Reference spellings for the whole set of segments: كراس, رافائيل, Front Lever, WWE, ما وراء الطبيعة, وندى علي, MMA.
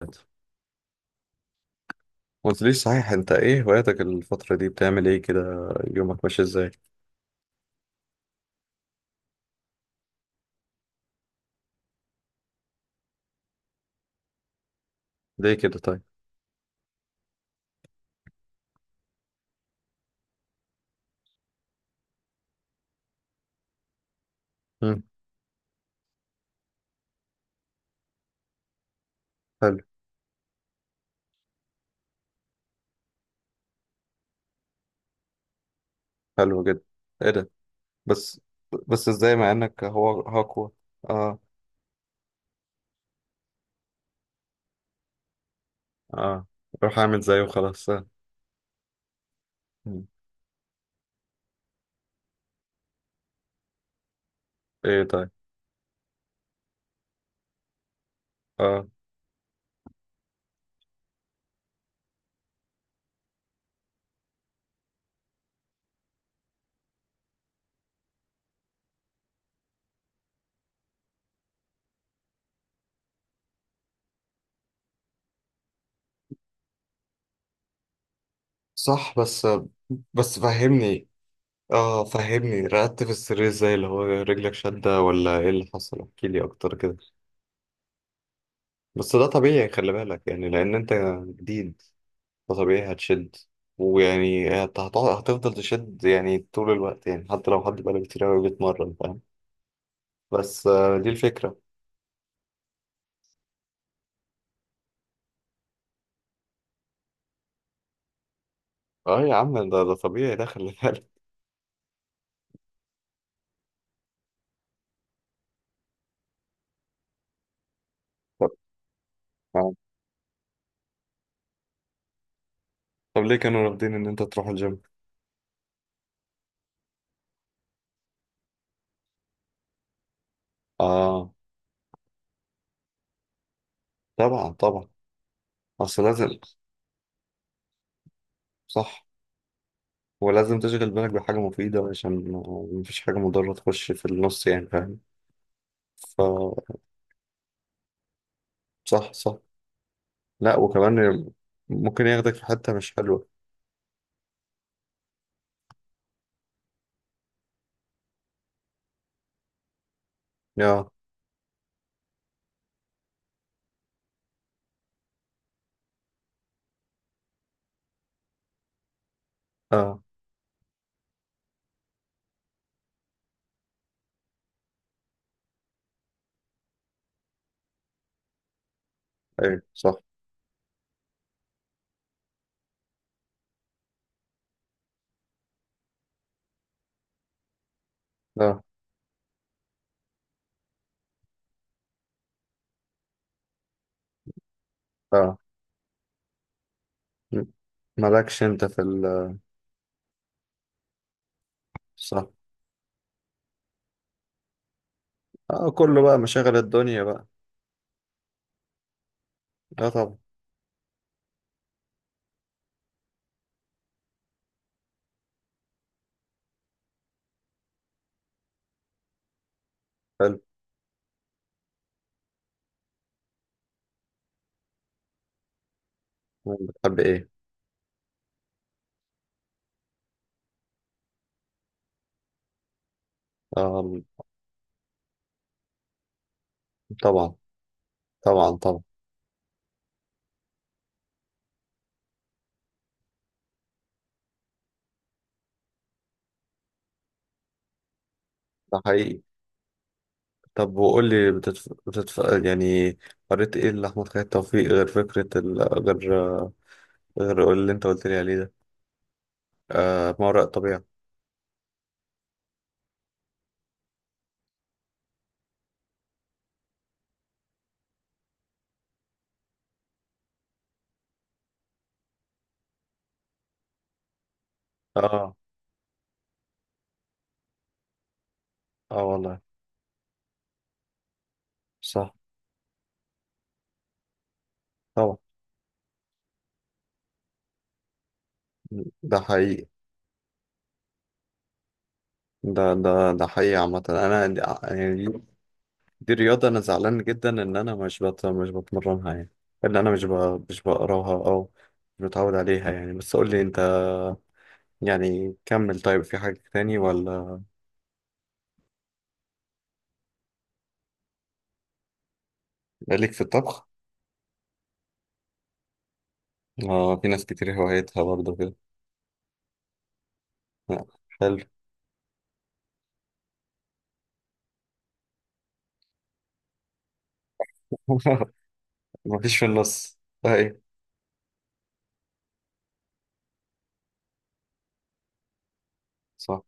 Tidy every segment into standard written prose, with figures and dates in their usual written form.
ما قلتليش صحيح، انت ايه هواياتك الفترة دي؟ بتعمل ايه كده؟ يومك ماشي ازاي؟ ليه كده طيب؟ مم. حلو، حلو جدا. ايه ده؟ بس. بس ازاي مع انك هو هاكوا؟ اه، اه. روح اعمل زيه وخلاص. مم. ايه طيب؟ اه، صح. بس فهمني. اه، فهمني، رقدت في السرير ازاي؟ اللي هو رجلك شدة ولا ايه اللي حصل؟ احكيلي اكتر كده. بس ده طبيعي، خلي بالك يعني لان انت جديد، فطبيعي هتشد. ويعني هتفضل تشد يعني طول الوقت، يعني حتى لو حد بقاله كتير أوي بيتمرن، فاهم؟ بس دي الفكرة. اه يا عم، ده طبيعي، ده خلي بالك. طب آه، طب ليه كانوا رافضين إن أنت تروح الجيم؟ اه، طبعا طبعا. أصل لازم. صح. ولازم تشغل بالك بحاجة مفيدة عشان مفيش حاجة مضرة تخش في النص، يعني فاهم؟ ف صح، صح. لا، وكمان ممكن ياخدك في حتة مش حلوة. اه، اه، ايوه، صح. اه، اه. م. مالكش انت في ال، صح. اه، كله بقى مشاغل الدنيا بقى. اه، طبعا. حلو، بتحب ايه؟ آه، طبعا طبعا طبعا. ده حقيقي. طب وقول لي، يعني، قريت ايه لأحمد خالد توفيق غير فكرة ال... غير غير اللي انت قلت لي عليه ده؟ آه، ما وراء الطبيعة. اه، اه، والله. صح. طبعا. ده حقيقي. ده ده حقيقي عامة. أنا يعني، دي رياضة، أنا زعلان جدا إن أنا مش بتمرنها يعني، إن أنا مش بقراها أو مش متعود عليها يعني. بس قول لي أنت، يعني كمل طيب، في حاجة تاني ولا ليك في الطبخ؟ آه، في ناس كتير هوايتها برضه كده. آه، حلو. مفيش في النص. أي. صح.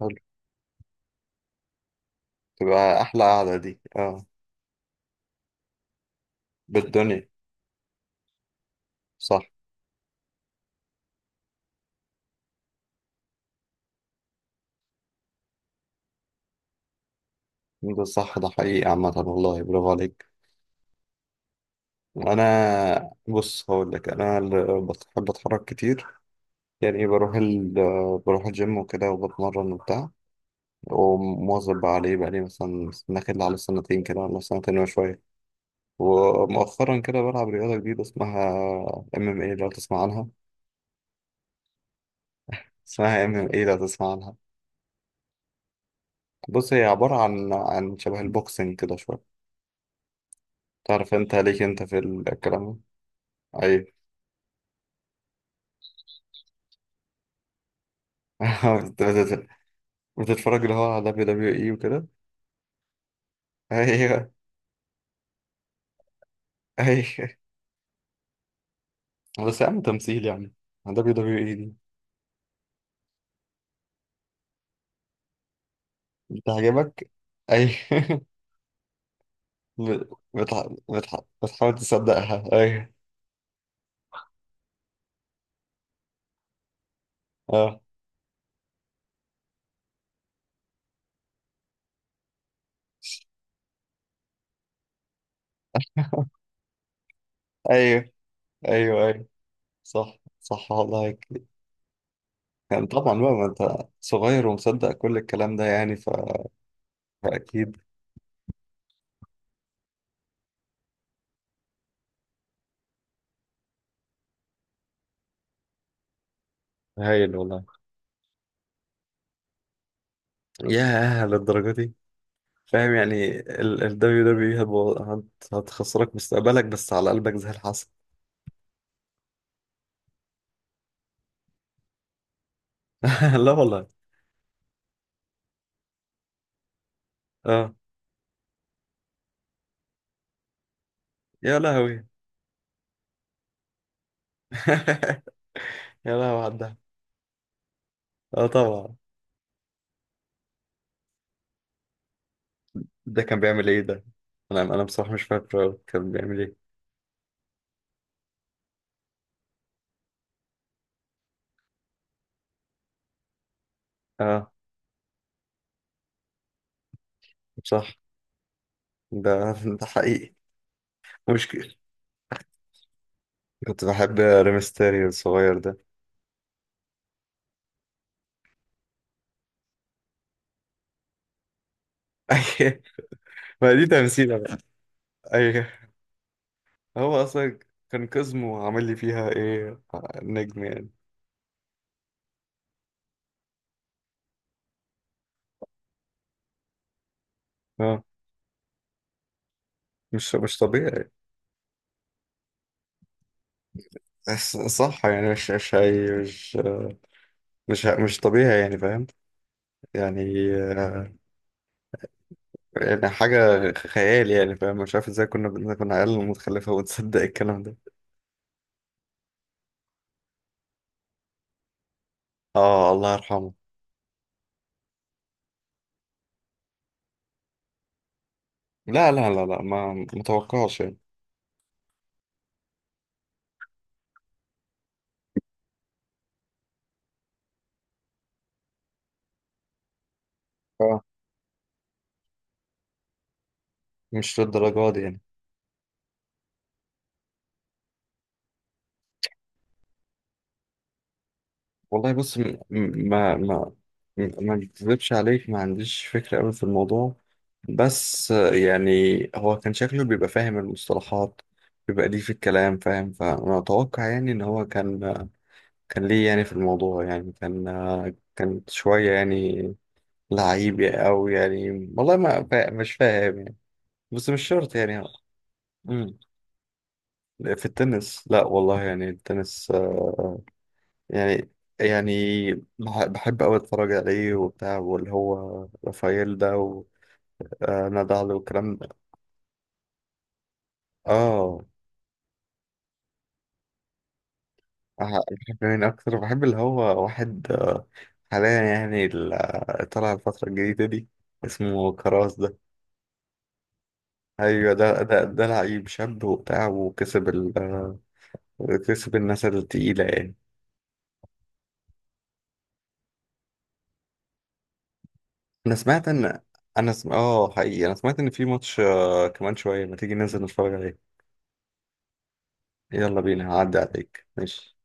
حلو. تبقى أحلى قعدة دي. بالدنيا. صح. ده صح، ده حقيقي عامة، والله برافو عليك. أنا بص، هقول لك، أنا اللي بحب أتحرك كتير، يعني بروح الجيم وكده، وبتمرن وبتاع، ومواظب عليه بقالي مثلا داخل على سنتين كده، ولا سنتين وشوية. ومؤخرا كده بلعب رياضة جديدة اسمها MMA، لو تسمع عنها؟ اسمها MMA، لو تسمع عنها؟ بص، هي عبارة عن شبه البوكسنج كده شوية. تعرف انت ليك انت في الكلام ده؟ ايوه. بت- بت- بتتفرج اللي هو على WWE وكده. ايوه، ايوه. بس يا عم تمثيل يعني، WWE دي بتعجبك؟ ايوه. بت- بتح... بتحاول تصدقها. ايوه، اه، ايوه، ايوه، ايوه. صح، صح، والله. يعني طبعا بقى، ما انت صغير ومصدق كل الكلام ده يعني، فاكيد. هايل والله. ياه، للدرجه دي. فاهم يعني ال WWE هتخسرك مستقبلك، بس على قلبك زي الحصى. لا والله. اه، يا لهوي. يا لهوي عدها. اه، طبعا. ده كان بيعمل ايه ده؟ انا بصراحه مش فاكره كان بيعمل ايه. اه، صح. ده ده حقيقي. مشكل. كنت بحب ريمستيريو الصغير ده. أي- ما دي تمثيلة بقى. أيوه، هو أصلا كان كاظمو عامل لي فيها إيه، نجم يعني. أه، مش طبيعي. بس صح يعني، مش مش هي- مش مش مش طبيعي يعني، فاهم. يعني آه، يعني حاجة خيال يعني، فاهم. مش عارف ازاي كنا عيال متخلفة وتصدق الكلام ده. اه، الله يرحمه. لا، لا، لا، لا، ما متوقعش يعني. اه، مش للدرجة دي يعني. والله بص، ما بكذبش عليك، ما عنديش فكرة أوي في الموضوع. بس يعني هو كان شكله بيبقى فاهم المصطلحات، بيبقى ليه في الكلام، فاهم. فأنا أتوقع يعني إن هو كان ليه يعني في الموضوع، يعني كان شوية يعني لعيب أو يعني. والله ما فا... مش فاهم يعني، بس مش شرط يعني. مم. في التنس، لا والله، يعني التنس يعني يعني بحب أوي أتفرج عليه وبتاع، واللي هو رافائيل ده، وندى علي والكلام ده. آه، بحب مين أكتر؟ بحب اللي هو واحد، حاليا يعني طلع الفترة الجديدة دي اسمه كراس ده. أيوة، ده لعيب شاب وبتاع، وكسب ال آه، كسب الناس التقيلة يعني. أنا سمعت إن، أنا سم... آه حقيقي، أنا سمعت إن في ماتش، كمان شوية، ما تيجي ننزل نتفرج عليه. يلا بينا، هعدي عليك، ماشي.